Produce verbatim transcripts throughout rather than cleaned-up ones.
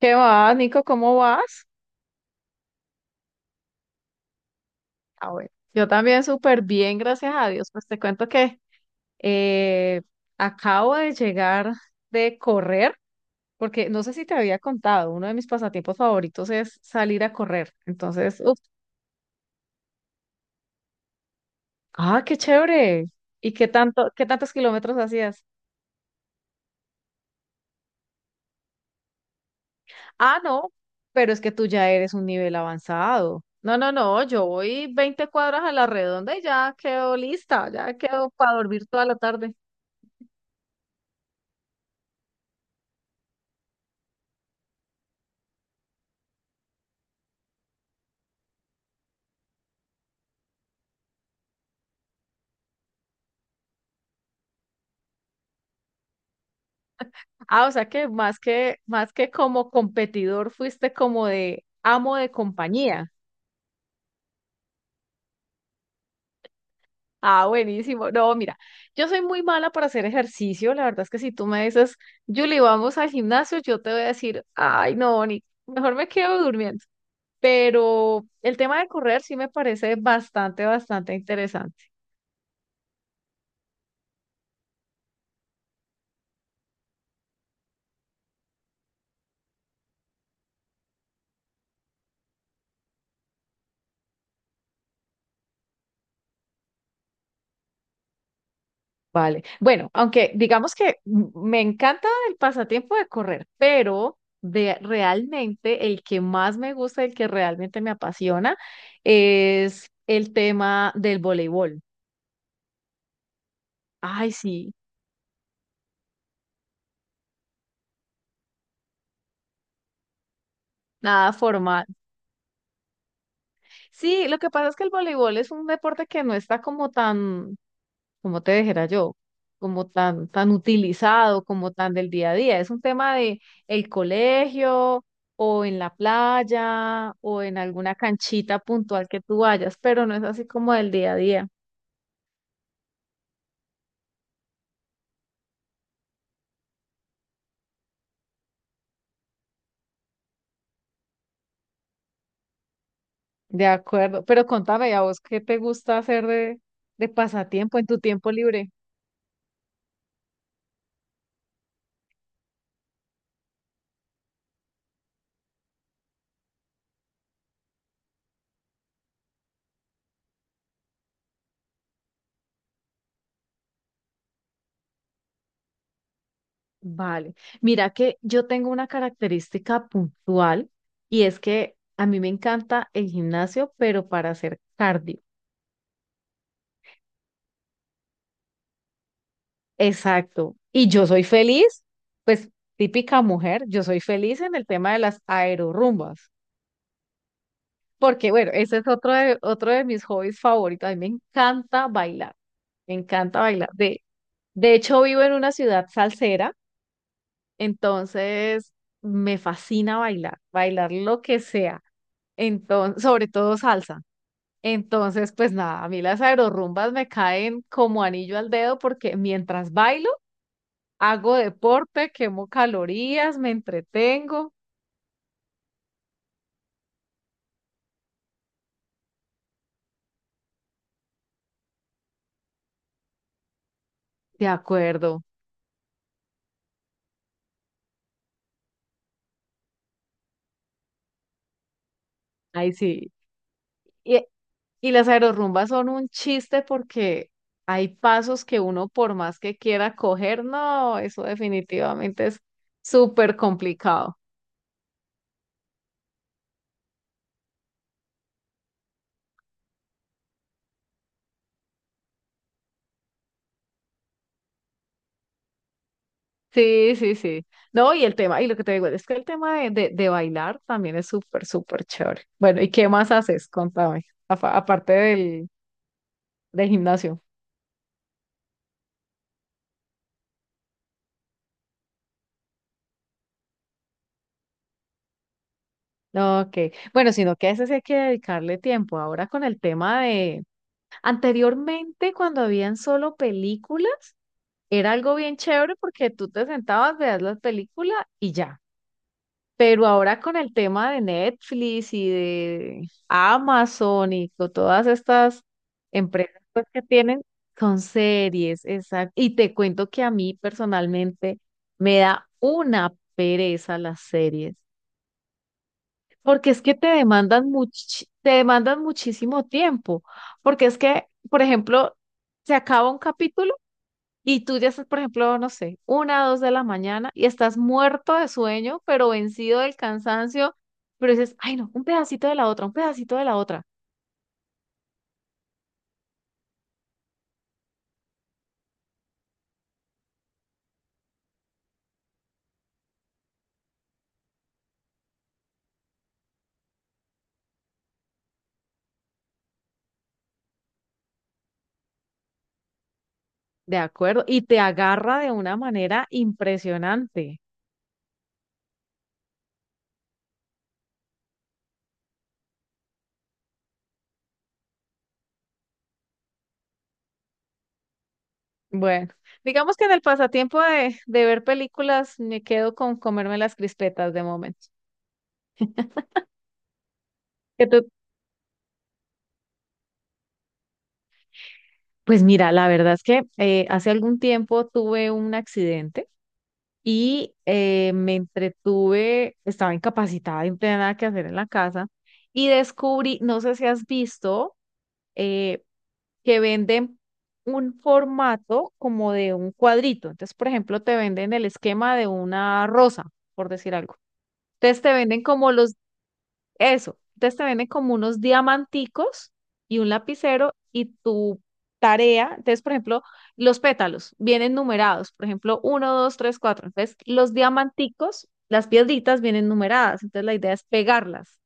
¿Qué va, Nico? ¿Cómo vas? Ah, bueno, yo también súper bien, gracias a Dios. Pues te cuento que eh, acabo de llegar de correr, porque no sé si te había contado, uno de mis pasatiempos favoritos es salir a correr. Entonces, uf, ah, qué chévere. ¿Y qué tanto, qué tantos kilómetros hacías? Ah, no, pero es que tú ya eres un nivel avanzado. No, no, no, yo voy veinte cuadras a la redonda y ya quedo lista, ya quedo para dormir toda la tarde. Ah, o sea que más que, más que como competidor, fuiste como de amo de compañía. Ah, buenísimo. No, mira, yo soy muy mala para hacer ejercicio. La verdad es que si tú me dices, Julie, vamos al gimnasio, yo te voy a decir, ay, no, ni, mejor me quedo durmiendo. Pero el tema de correr sí me parece bastante, bastante interesante. Vale. Bueno, aunque digamos que m- me encanta el pasatiempo de correr, pero de realmente el que más me gusta, el que realmente me apasiona, es el tema del voleibol. Ay, sí, nada formal. Sí, lo que pasa es que el voleibol es un deporte que no está como tan como te dijera yo, como tan, tan utilizado, como tan del día a día. Es un tema de el colegio o en la playa o en alguna canchita puntual que tú vayas, pero no es así como del día a día. De acuerdo, pero contame a vos qué te gusta hacer de, de pasatiempo en tu tiempo libre. Vale, mira que yo tengo una característica puntual y es que a mí me encanta el gimnasio, pero para hacer cardio. Exacto. Y yo soy feliz, pues típica mujer, yo soy feliz en el tema de las aerorrumbas, porque bueno, ese es otro de, otro de mis hobbies favoritos. A mí me encanta bailar, me encanta bailar. De, de hecho, vivo en una ciudad salsera, entonces me fascina bailar, bailar lo que sea, entonces, sobre todo salsa. Entonces, pues nada, a mí las aerorrumbas me caen como anillo al dedo porque mientras bailo, hago deporte, quemo calorías, me entretengo. De acuerdo, ahí sí. Y, y las aerorrumbas son un chiste porque hay pasos que uno por más que quiera coger, no, eso definitivamente es súper complicado. Sí, sí, sí. No, y el tema, y lo que te digo es que el tema de, de, de bailar también es súper, súper chévere. Bueno, ¿y qué más haces? Contame, afa- aparte del, del gimnasio. No, ok, bueno, sino que a ese sí hay que dedicarle tiempo. Ahora con el tema de... Anteriormente, cuando habían solo películas, era algo bien chévere porque tú te sentabas, veías la película y ya. Pero ahora con el tema de Netflix y de Amazon y con todas estas empresas pues, que tienen, son series, exacto. Y te cuento que a mí personalmente me da una pereza las series. Porque es que te demandan much- te demandan muchísimo tiempo. Porque es que, por ejemplo, se acaba un capítulo y tú ya estás, por ejemplo, no sé, una o dos de la mañana y estás muerto de sueño, pero vencido del cansancio, pero dices, ay no, un pedacito de la otra, un pedacito de la otra. De acuerdo. Y te agarra de una manera impresionante. Bueno, digamos que en el pasatiempo de, de ver películas me quedo con comerme las crispetas de momento. ¿Qué tú pues mira, la verdad es que eh, hace algún tiempo tuve un accidente y eh, me entretuve, estaba incapacitada y no tenía nada que hacer en la casa y descubrí, no sé si has visto, eh, que venden un formato como de un cuadrito. Entonces, por ejemplo, te venden el esquema de una rosa, por decir algo. Entonces te venden como los eso. Entonces te venden como unos diamanticos y un lapicero y tu tarea. Entonces, por ejemplo, los pétalos vienen numerados. Por ejemplo, uno, dos, tres, cuatro. Entonces, los diamanticos, las piedritas vienen numeradas. Entonces, la idea es pegarlas.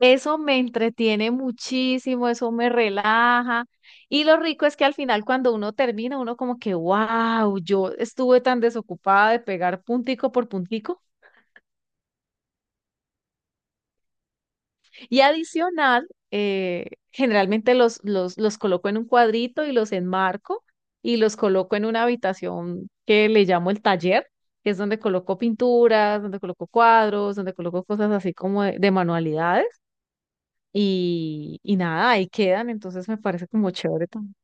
Eso me entretiene muchísimo, eso me relaja. Y lo rico es que al final cuando uno termina, uno como que, wow, yo estuve tan desocupada de pegar puntico por puntico. Y adicional, eh, generalmente los, los, los coloco en un cuadrito y los enmarco y los coloco en una habitación que le llamo el taller, que es donde coloco pinturas, donde coloco cuadros, donde coloco cosas así como de, de manualidades y, y nada, ahí quedan, entonces me parece como chévere también.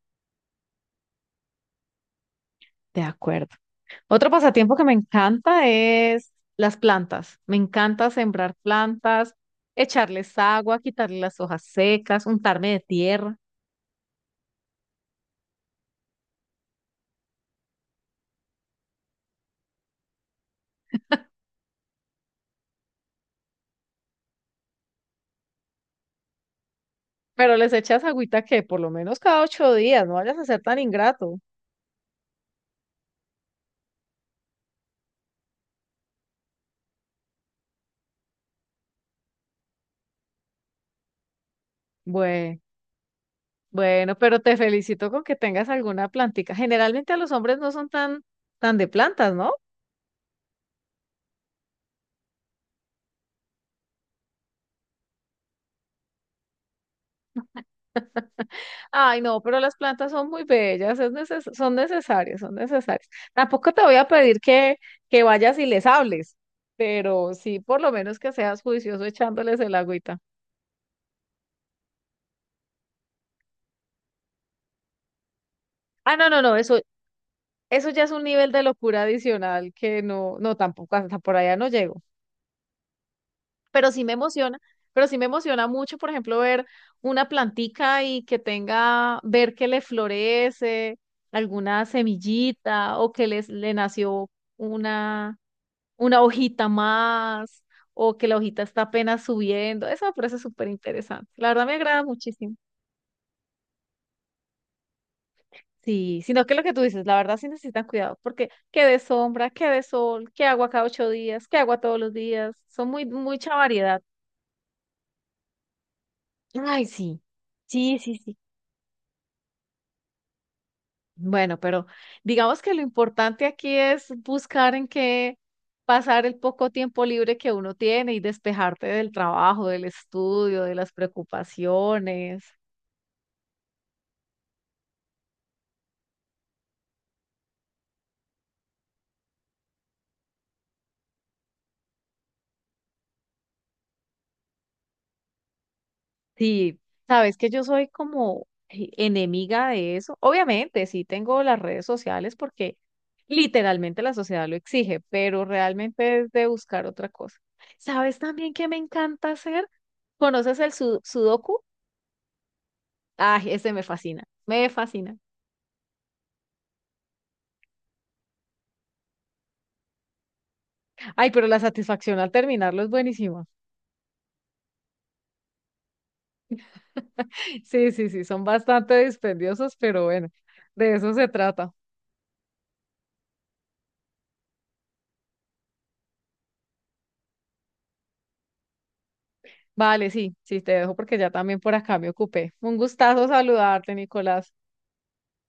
De acuerdo. Otro pasatiempo que me encanta es las plantas. Me encanta sembrar plantas, echarles agua, quitarle las hojas secas, untarme de tierra. Pero les echas agüita que por lo menos cada ocho días, no vayas a ser tan ingrato. Bueno, bueno, pero te felicito con que tengas alguna plantica. Generalmente a los hombres no son tan, tan de plantas, ¿no? Ay, no, pero las plantas son muy bellas, es neces- son necesarias, son necesarias. Tampoco te voy a pedir que, que vayas y les hables, pero sí por lo menos que seas juicioso echándoles el agüita. Ah, no, no, no, eso, eso ya es un nivel de locura adicional que no, no, tampoco hasta por allá no llego. Pero sí me emociona, pero sí me emociona mucho, por ejemplo, ver una plantica y que tenga, ver que le florece alguna semillita o que les, le nació una, una hojita más o que la hojita está apenas subiendo. Eso me parece súper interesante. La verdad me agrada muchísimo. Sí, sino que lo que tú dices, la verdad sí necesitan cuidado, porque que de sombra, que de sol, que agua cada ocho días, que agua todos los días, son muy, mucha variedad. Ay, sí. Sí, sí, sí. Bueno, pero digamos que lo importante aquí es buscar en qué pasar el poco tiempo libre que uno tiene y despejarte del trabajo, del estudio, de las preocupaciones. Sí, sabes que yo soy como eh, enemiga de eso. Obviamente, sí tengo las redes sociales porque literalmente la sociedad lo exige, pero realmente es de buscar otra cosa. ¿Sabes también qué me encanta hacer? ¿Conoces el su- sudoku? Ay, ese me fascina, me fascina. Ay, pero la satisfacción al terminarlo es buenísima. Sí, sí, sí, son bastante dispendiosos, pero bueno, de eso se trata. Vale, sí, sí, te dejo porque ya también por acá me ocupé. Un gustazo saludarte, Nicolás.